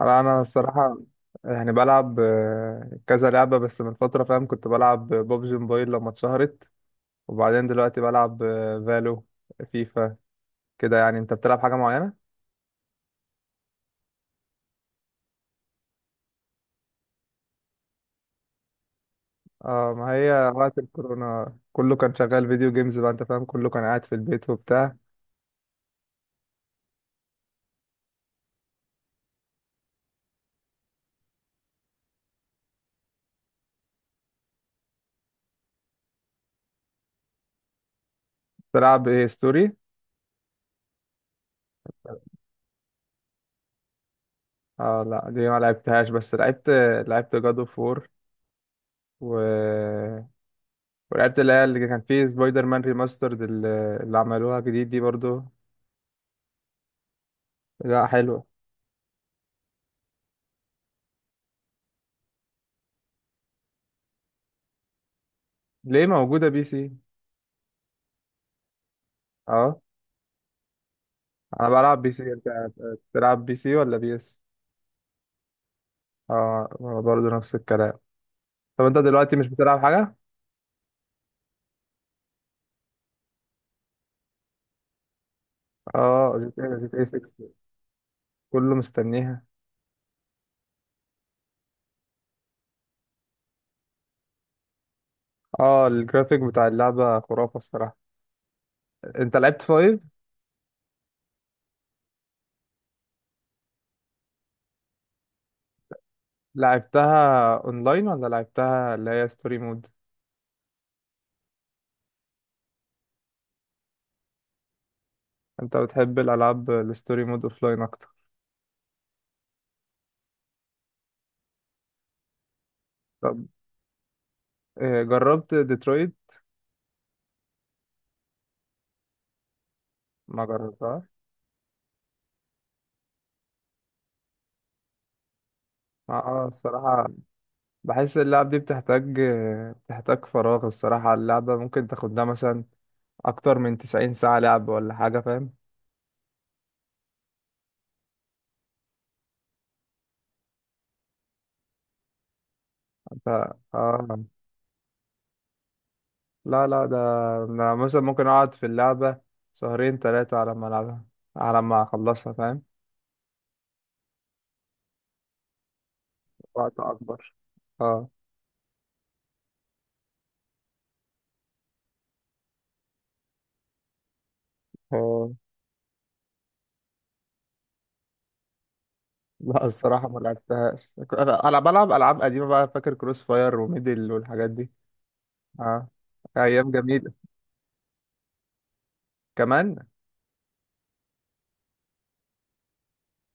انا الصراحه، يعني بلعب كذا لعبه. بس من فتره فاهم، كنت بلعب ببجي موبايل لما اتشهرت. وبعدين دلوقتي بلعب فالو، فيفا كده. يعني انت بتلعب حاجه معينه؟ اه، ما هي وقت الكورونا كله كان شغال فيديو جيمز بقى. انت فاهم، كله كان قاعد في البيت وبتاع. تلعب ايه، ستوري؟ اه لا، دي ما لعبتهاش. بس لعبت جاد اوف وور و... ولعبت اللي هي اللي كان فيه سبايدر مان ريماسترد، اللي عملوها جديد دي برضو. لا حلوه. ليه، موجودة بي سي؟ اه، انا بلعب بي سي. انت بتلعب بي سي ولا بي اس؟ اه، انا برضه نفس الكلام. طب انت دلوقتي مش بتلعب حاجه؟ اه، جي تي اي جي تي 6. كله مستنيها. اه، الجرافيك بتاع اللعبه خرافه الصراحه. انت لعبت فايف؟ لعبتها اونلاين ولا لعبتها اللي هي ستوري مود؟ انت بتحب الالعاب الستوري مود اوفلاين اكتر؟ طب جربت ديترويت؟ ما جربتها. اه، الصراحة بحس اللعب دي بتحتاج بتحتاج فراغ الصراحة. اللعبة ممكن تاخد لها مثلا اكتر من 90 ساعة لعب ولا حاجة، فاهم. ف... اه لا لا، ده انا مثلا ممكن اقعد في اللعبة شهرين ثلاثة على ما العبها، على ما اخلصها فاهم. وقت اكبر، اه. آه. لا الصراحة ما لعبتهاش. انا بلعب العاب قديمة بقى، فاكر كروس فاير وميدل والحاجات دي. اه، ايام جميلة. كمان.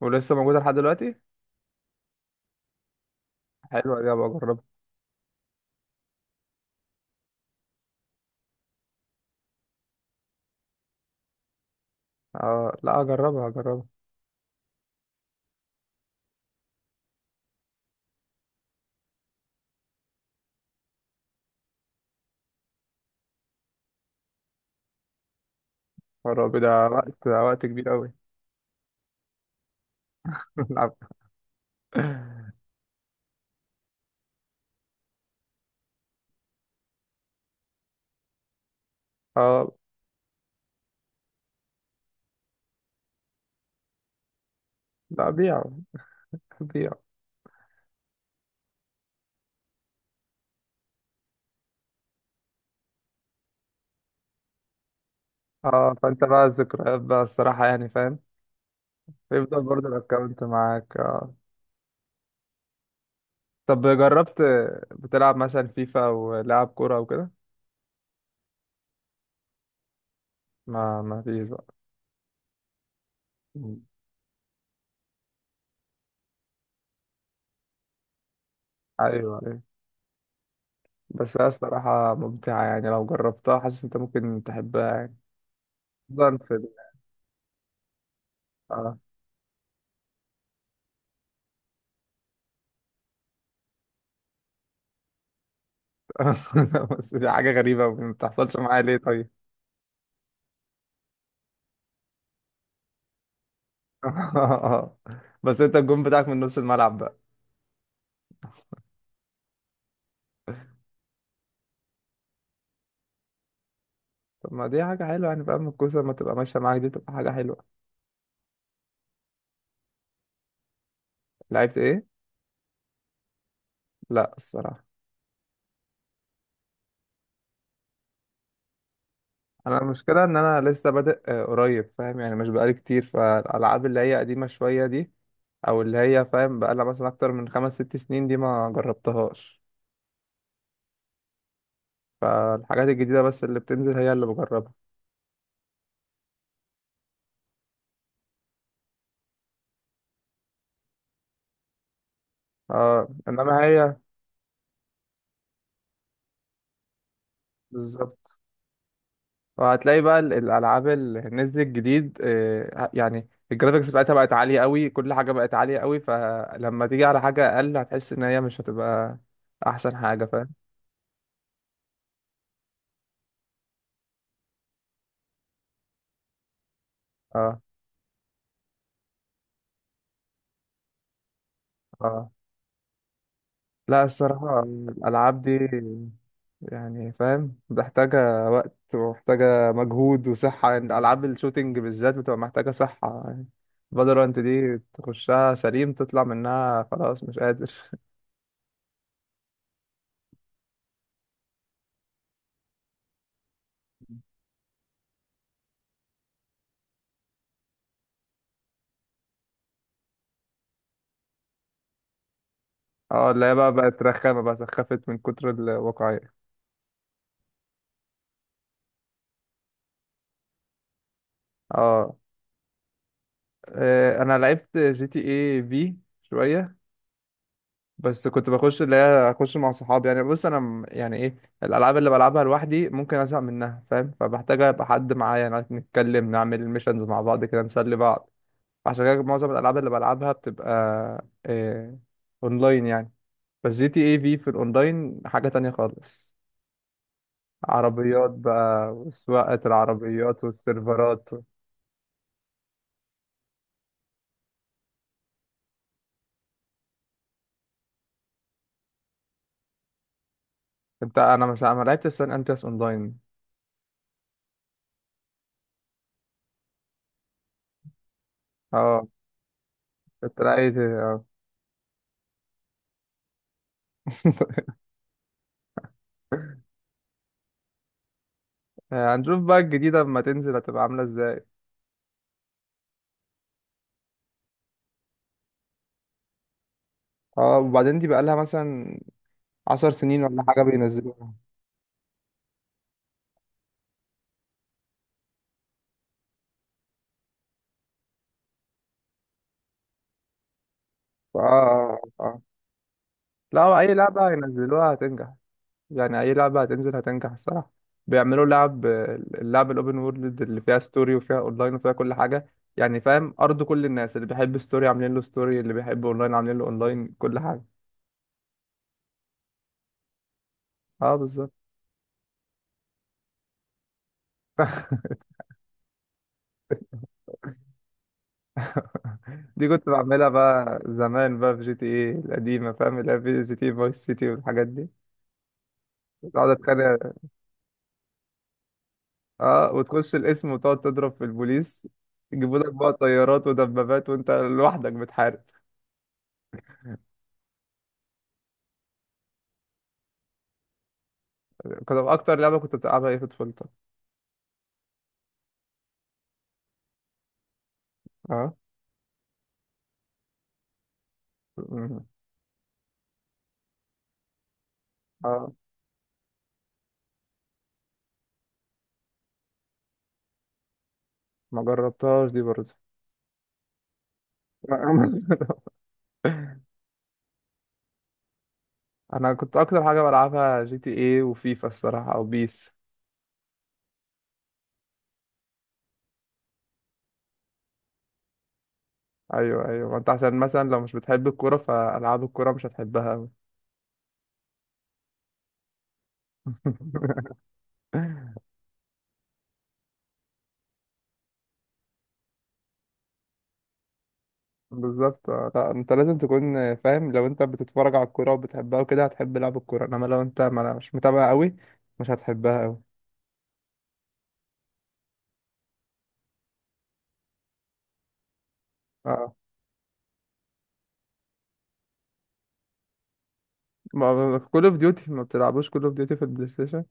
ولسه موجودة لحد دلوقتي؟ حلوة دي، ابقى اجربها. اه لا، اجربها اجربها. يا رب ده وقت. ده وقت كبير قوي. العب. اه لا، بيع بيع. اه، فانت بقى الذكريات بقى الصراحة، يعني فاهم. بيفضل برضه الاكونت معاك، آه. طب جربت، بتلعب مثلا فيفا ولعب كورة وكده؟ ما فيش بقى. مم. ايوه ايوه، بس هي الصراحة ممتعة. يعني لو جربتها، حاسس انت ممكن تحبها يعني. خصوصا في اه. بس دي حاجة غريبة، ما بتحصلش معايا ليه طيب؟ بس انت الجون بتاعك من نص الملعب بقى؟ طب ما دي حاجة حلوة، يعني فاهم. الكوسة لما تبقى ماشية معاك دي تبقى حاجة حلوة. لعبت ايه؟ لا الصراحة. انا المشكله ان انا لسه بادئ قريب فاهم. يعني مش بقالي كتير فالالعاب اللي هي قديمه شويه دي. او اللي هي فاهم بقالها مثلا اكتر من خمس ست سنين، دي ما جربتهاش. فالحاجات الجديده بس اللي بتنزل هي اللي بجربها. اه، انما هي بالظبط. وهتلاقي بقى الالعاب اللي نزلت جديد يعني الجرافيكس بتاعتها بقت عاليه قوي، كل حاجه بقت عاليه قوي. فلما تيجي على حاجه اقل، هتحس ان هي مش هتبقى احسن حاجه، فاهم. اه اه، لا الصراحة الألعاب دي، يعني فاهم، محتاجة وقت ومحتاجة مجهود وصحة. يعني ألعاب الشوتينج بالذات بتبقى محتاجة صحة يعني. فالورانت دي تخشها سليم، تطلع منها خلاص مش قادر. اه، اللي هي بقى بقت رخامة بقى، سخفت من كتر الواقعية. اه. انا لعبت جي تي اي في شوية. بس كنت بخش اللي هي اخش مع صحابي. يعني بص، انا يعني ايه، الالعاب اللي بلعبها لوحدي ممكن ازهق منها فاهم. فبحتاج ابقى حد معايا، يعني نتكلم، نعمل ميشنز مع بعض كده، نسلي بعض. عشان كده معظم الالعاب اللي بلعبها بتبقى إيه، اونلاين يعني. بس جي تي اي في في الاونلاين حاجة تانية خالص. عربيات بقى، وسواقة العربيات والسيرفرات. انت، انا مش، ما لعبتش سان اندرياس اونلاين. اه كنت لقيت. هنشوف بقى الجديدة لما تنزل هتبقى عاملة ازاي. اه، وبعدين دي بقالها مثلا 10 سنين ولا حاجة بينزلوها. اه اه اه، لا أي لعبة ينزلوها هتنجح. يعني أي لعبة هتنزل هتنجح الصراحة. بيعملوا لعب، اللعب الأوبن وورلد اللي فيها ستوري وفيها أونلاين وفيها كل حاجة. يعني فاهم، أرض كل الناس. اللي بيحب ستوري، عاملين له ستوري. اللي بيحب أونلاين، عاملين له أونلاين. كل حاجة. اه بالظبط. دي كنت بعملها بقى زمان بقى في جي تي ايه القديمة، فاهم، اللي هي في جي تي اي فايس سيتي والحاجات دي. كنت أقعد أتخانق. اه، وتخش القسم وتقعد تضرب في البوليس، يجيبوا لك بقى طيارات ودبابات وانت لوحدك بتحارب. كنت اكتر لعبه كنت بتلعبها ايه في طفولتك؟ اه. مم. اه، ما جربتهاش دي برضه. لا، انا كنت اكتر حاجه بلعبها جي تي ايه وفيفا الصراحه، او بيس. ايوه ايوه، ما انت عشان مثلا لو مش بتحب الكوره، فالعاب الكوره مش هتحبها أوي. بالظبط. لا، انت لازم تكون فاهم. لو انت بتتفرج على الكوره وبتحبها وكده، هتحب لعب الكوره. انما لو انت ما مش متابع قوي، مش هتحبها قوي. اه، ما كول اوف ديوتي، ما بتلعبوش كول اوف ديوتي في البلاي ستيشن؟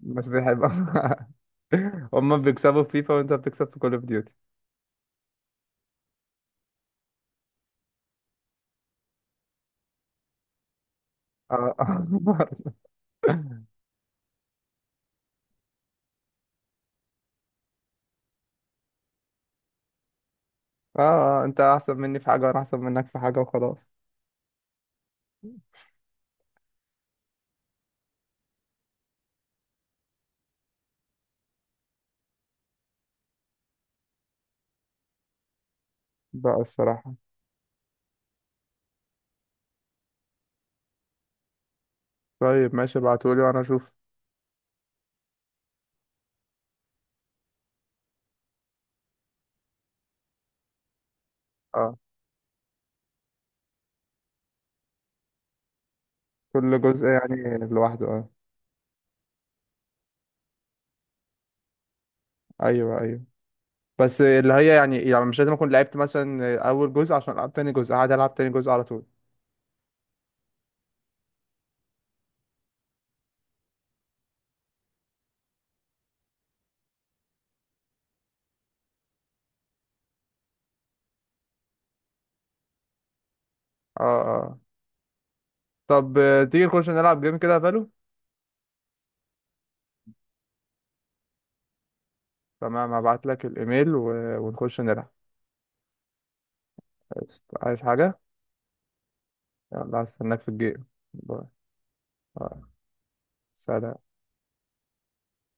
مش بيحب. هما بيكسبوا في فيفا، وانت بتكسب في كول اوف ديوتي. اه. اه. انت احسن مني في حاجه، وانا احسن منك في حاجه، وخلاص. بقى الصراحه. طيب ماشي، ابعتولي وانا اشوف. اه، كل جزء يعني لوحده، اه. ايوه ايوه، بس اللي هي يعني مش لازم اكون لعبت مثلا اول جزء عشان العب تاني جزء. قاعد العب تاني جزء على طول. اه اه. طب تيجي نخش نلعب جيم كده يا فالو؟ تمام، هبعت لك الايميل ونخش نلعب. عايز حاجة؟ يلا، هستناك في الجيم. باي. آه، سلام.